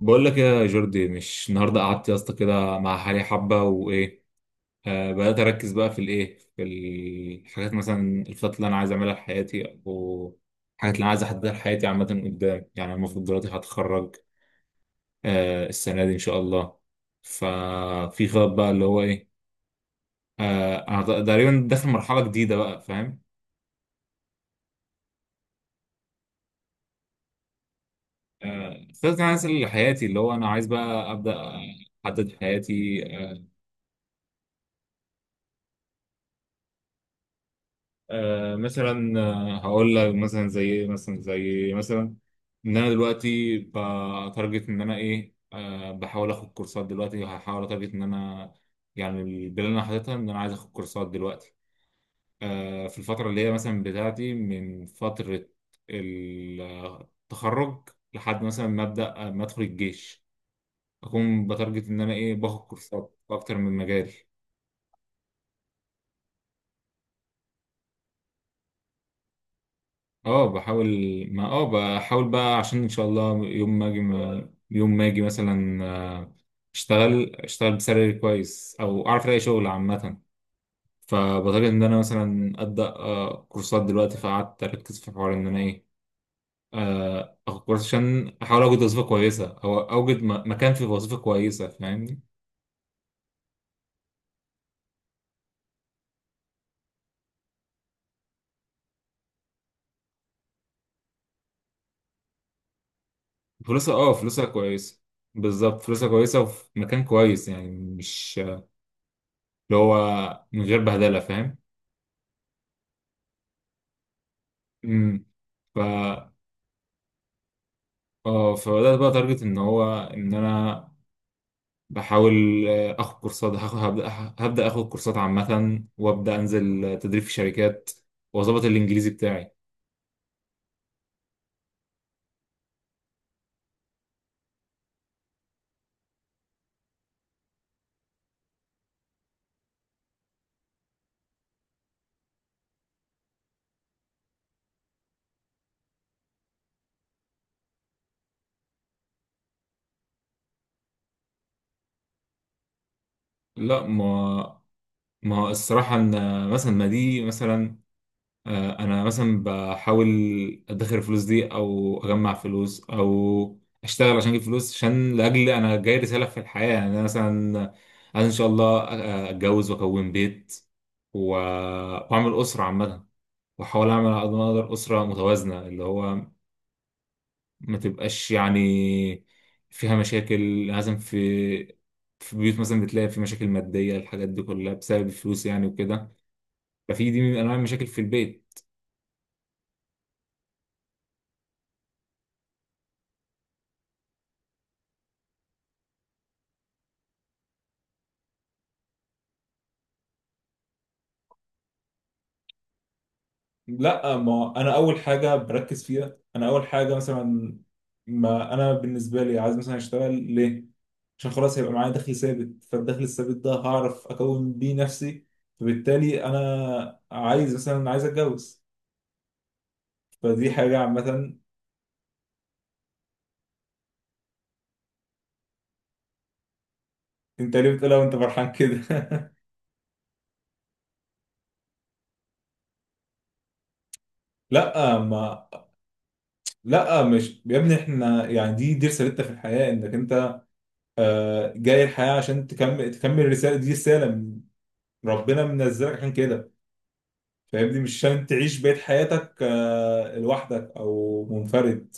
بقول لك ايه يا جوردي، مش النهارده قعدت يا اسطى كده مع حالي حبه، وايه. بدات اركز بقى في الايه في الحاجات، مثلا الخطط اللي انا عايز اعملها في حياتي، او الحاجات اللي انا عايز احددها لحياتي عامه قدام. يعني أنا المفروض دلوقتي هتخرج السنه دي ان شاء الله. ففي خطط بقى، اللي هو ايه. انا تقريبا داخل مرحله جديده بقى، فاهم؟ خطط انا عايز لحياتي، اللي هو انا عايز بقى ابدا احدد حياتي. مثلا هقول لك مثلا زي ايه، مثلا زي إيه؟ مثلا ان انا دلوقتي بتارجت ان انا ايه، بحاول اخد كورسات دلوقتي، هحاول اتارجت ان انا. يعني البلان اللي انا حاططها ان انا عايز اخد كورسات دلوقتي، في الفتره اللي هي مثلا بتاعتي من فتره التخرج، لحد مثلا ما ابدا ما ادخل الجيش. اكون بتارجت ان انا ايه، باخد كورسات في اكتر من مجال. اه، بحاول، ما بحاول بقى، عشان ان شاء الله يوم ما اجي، مثلا اشتغل بسالري كويس، او اعرف الاقي شغل عامه. فبطلت ان انا مثلا ابدا كورسات دلوقتي، فقعدت اركز في حوار ان انا ايه، اخد كورس عشان احاول اوجد وظيفه كويسه، او اوجد مكان في وظيفه كويسه، فاهمني. فلوسها كويسه. بالظبط، فلوسها كويسه وفي مكان كويس، يعني مش اللي هو من غير بهدله، فاهم؟ امم اه، فبدأت بقى تارجت ان هو ان انا بحاول، اخد كورسات، هاخد هبدأ هبدأ اخد كورسات عامة، وابدأ انزل تدريب في شركات، واظبط الانجليزي بتاعي. لا ما الصراحة ان مثلا ما دي مثلا، انا مثلا بحاول ادخر الفلوس دي، او اجمع فلوس، او اشتغل عشان اجيب فلوس، عشان لاجل انا جاي رسالة في الحياة، يعني انا مثلا عايز ان شاء الله اتجوز واكون بيت و- واعمل اسرة عامة، واحاول اعمل على قد ما اقدر اسره متوازنه، اللي هو ما تبقاش يعني فيها مشاكل. لازم في بيوت مثلا بتلاقي في مشاكل ماديه، الحاجات دي كلها بسبب الفلوس يعني وكده. ففي دي من انواع المشاكل في البيت. لا، ما انا اول حاجه بركز فيها، انا اول حاجه مثلا. ما انا بالنسبه لي عايز مثلا اشتغل ليه؟ عشان خلاص هيبقى معايا دخل ثابت، فالدخل الثابت ده هعرف اكون بيه نفسي، فبالتالي انا عايز مثلا اتجوز، فدي حاجه عامه. انت ليه بتقولها وانت فرحان كده؟ لا ما لا مش يا ابني، احنا يعني دي رسالتنا في الحياه، انك انت جاي الحياه عشان تكمل الرساله، دي رساله ربنا منزلك عشان كده، فاهمني، مش عشان تعيش بقيه حياتك لوحدك او منفرد.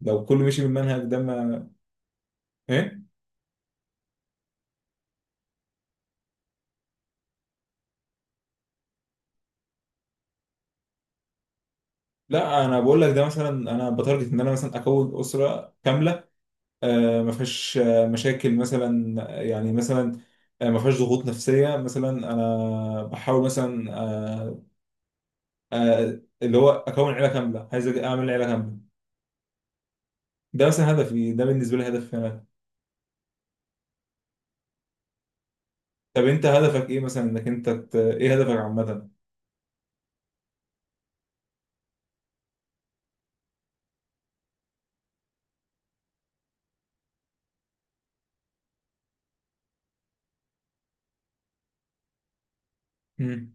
لو كله مشي بالمنهج ده، ما... ايه. لا، انا بقول لك ده مثلا، انا بتارجت ان انا مثلا اكون اسره كامله ما فيهاش مشاكل مثلا، يعني مثلا ما فيهاش ضغوط نفسيه مثلا، انا بحاول مثلا آه، اللي هو اكون عيله كامله، عايز اعمل عيله كامله، ده مثلا هدفي، ده بالنسبه لي هدفي انا. طب انت هدفك ايه مثلا، انك انت ايه هدفك عامه؟ مم.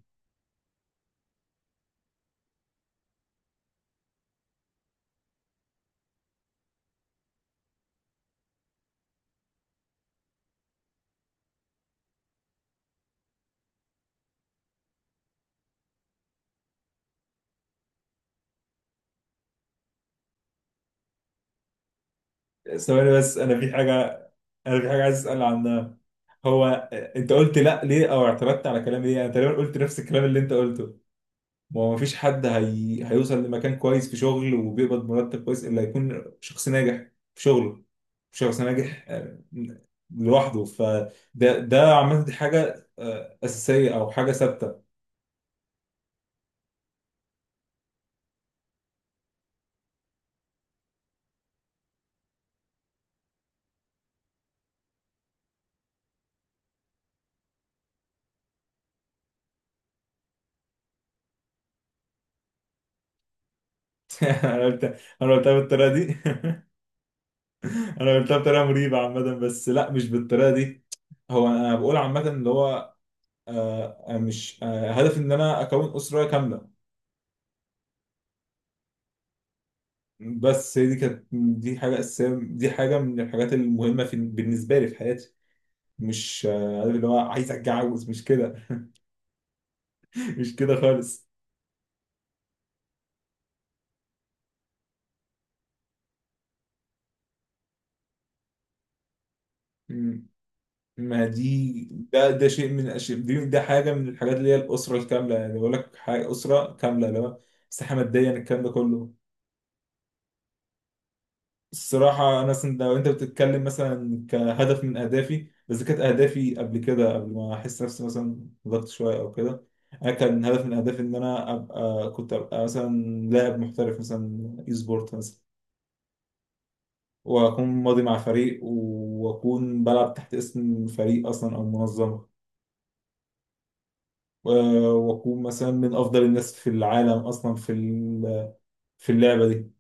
ثواني بس، انا في حاجه عايز اسال عنها. هو انت قلت لا ليه، او اعترضت على كلامي ليه؟ انا تقريبا قلت نفس الكلام اللي انت قلته. ما هو مفيش حد هيوصل لمكان كويس في شغل وبيقبض مرتب كويس الا يكون شخص ناجح في شغله. شخص ناجح لوحده، فده عامة دي حاجة أساسية أو حاجة ثابتة. أنا قلت أنا قلتها بالطريقة دي. أنا قلتها بطريقة مريبة عامة، بس لا، مش بالطريقة دي. هو أنا بقول عامة اللي هو مش هدفي إن أنا أكون أسرة كاملة. بس هي دي كانت، دي حاجة أساسية، دي حاجة من الحاجات المهمة في بالنسبة لي في حياتي. مش عارف اللي هو عايز اتجوز، مش كده. مش كده خالص. مم. ما دي، ده شيء من الاشياء دي، ده حاجه من الحاجات اللي هي الاسره الكامله، يعني بقول لك حاجه اسره كامله، اللي هو صحه، ماديا، الكلام ده كله. الصراحه، انا مثلا لو انت بتتكلم مثلا كهدف من اهدافي، بس كانت اهدافي قبل كده، قبل ما احس نفسي مثلا ضغط شويه او كده، انا كان هدف من اهدافي ان انا ابقى مثلا لاعب محترف، مثلا اي سبورت مثلا، واكون ماضي مع فريق، واكون بلعب تحت اسم فريق اصلا او منظمه، و- واكون مثلا من افضل الناس في العالم اصلا في في اللعبه دي.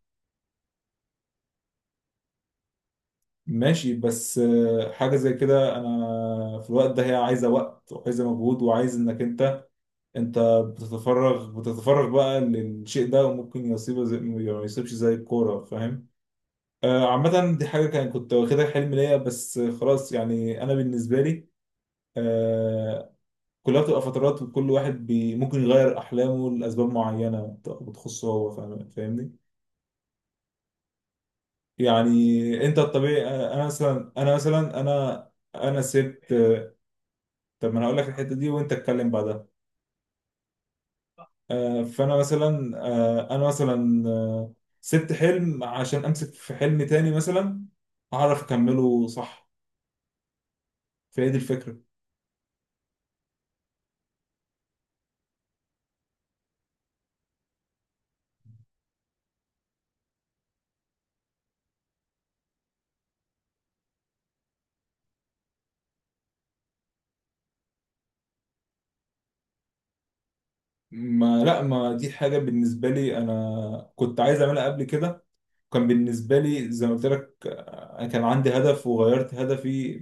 ماشي، بس حاجه زي كده انا في الوقت ده هي عايزه وقت وعايزه مجهود، وعايز انك انت بتتفرغ بقى للشيء ده، وممكن يصيبه زي ما يصيبش، زي الكوره، فاهم؟ عامة دي حاجة كان كنت واخدها حلم ليا، بس خلاص يعني أنا بالنسبة لي، آه، كلها بتبقى فترات، وكل واحد بي ممكن يغير أحلامه لأسباب معينة بتخصه هو، فاهمني. يعني أنت الطبيعي، أنا سبت. طب ما أنا هقول لك الحتة دي وأنت اتكلم بعدها. فأنا مثلا آه، أنا مثلا آه، سبت حلم عشان أمسك في حلم تاني، مثلا أعرف أكمله صح، فهي دي الفكرة. ما لا، ما دي حاجة بالنسبة لي أنا كنت عايز أعملها قبل كده، كان بالنسبة لي زي ما قلت لك، انا كان عندي هدف وغيرت هدفي،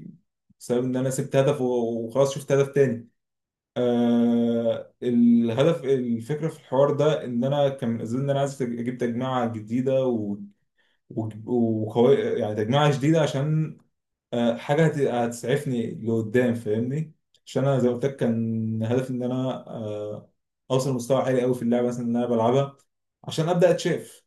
بسبب ان انا سبت هدف وخلاص شفت هدف تاني. الهدف، الفكره في الحوار ده ان انا كان من اسباب ان انا عايز اجيب تجميعه جديده و- وقوي، يعني تجميعه جديده عشان حاجه هتسعفني لقدام، فاهمني. عشان انا زي ما قلت لك، كان هدفي ان انا اوصل مستوى عالي قوي في اللعبه مثلا اللي انا بلعبها، عشان ابدا اتشاف.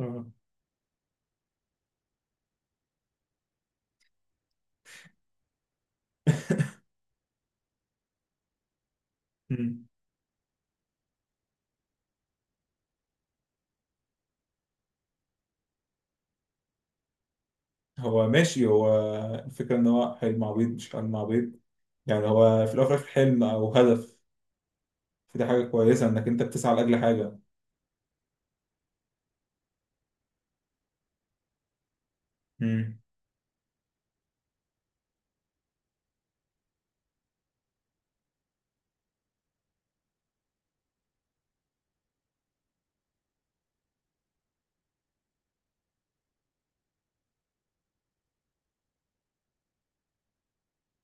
آه. هو ماشي، هو الفكرة إن هو حلم عبيط مش حلم عبيط، يعني هو في الأول وفي الآخر حلم أو هدف، فدي حاجة كويسة إنك أنت بتسعى لأجل حاجة. مم.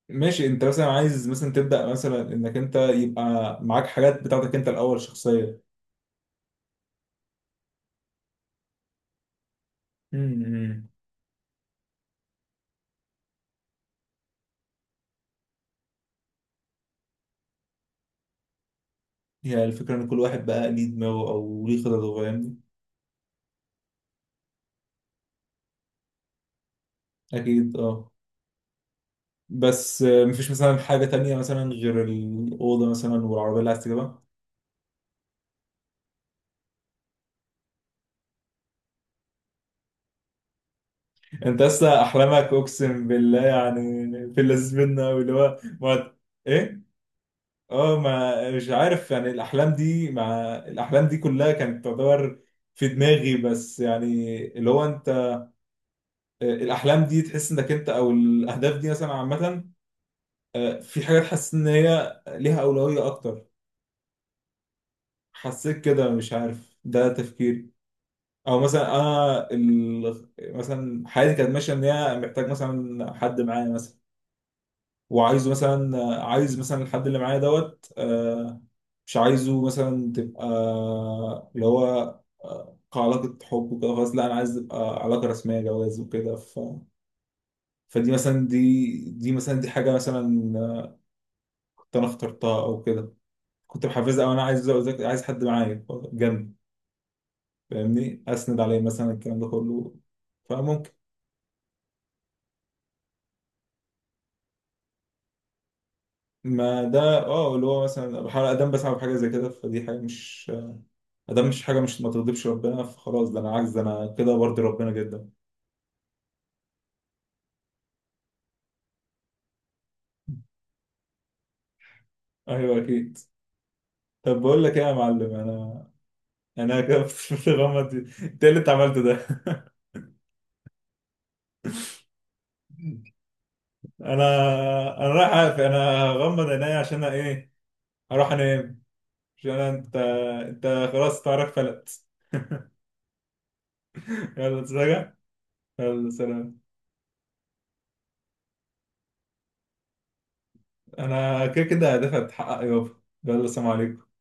ماشي، أنت مثلا عايز مثلا تبدأ مثلا إنك أنت يبقى معاك حاجات بتاعتك أنت الأول، شخصية. مم. هي الفكرة إن كل واحد بقى ليه دماغه أو ليه خططه، فاهمني. أكيد، أه. بس مفيش مثلا حاجة تانية مثلا غير الأوضة مثلا والعربية اللي عايز تجيبها؟ انت اصلا احلامك، اقسم بالله يعني، في اللذيذ منه أوي، اللي هو ما... ايه. اه ما مش عارف يعني، الاحلام دي مع الاحلام دي كلها كانت تعتبر في دماغي بس يعني، اللي هو انت الاحلام دي تحس انك انت، او الاهداف دي مثلا عامه، في حاجات حاسس ان هي ليها اولويه اكتر. حسيت كده؟ مش عارف، ده تفكيري. او مثلا انا مثلا حياتي كانت ماشيه ان هي محتاج مثلا حد معايا مثلا، وعايزه مثلا عايز مثلا الحد اللي معايا دوت، مش عايزه مثلا تبقى اللي هو كعلاقة حب وكده، خلاص لا، أنا عايز تبقى علاقة رسمية، جواز وكده، ف... فدي مثلا، دي مثلا دي حاجة مثلا كنت أنا اخترتها أو كده، كنت محفزها أو أنا عايز عايز حد معايا جنبي، فاهمني، أسند عليه مثلا الكلام ده كله، فممكن. ما ده، اه اللي هو مثلا بحاول أقدم بسعى بحاجة زي كده، فدي حاجة مش... ده مش حاجة، مش ما تغضبش ربنا، فخلاص، ده أنا عجز، ده أنا كده برضي ربنا جدا. أيوه، أكيد. طب بقول لك إيه يا معلم، أنا كده في الغمة دي، إنت إيه اللي أنت عملته ده؟ أنا أنا رايح أقفل، أنا هغمض عينيا عشان أنا إيه، أروح أنام، عشان أنا، أنت خلاص تعرف فلت. يلا سلام. يلا سلام. أنا كده كده هدفها تتحقق يابا، يلا سلام عليكم.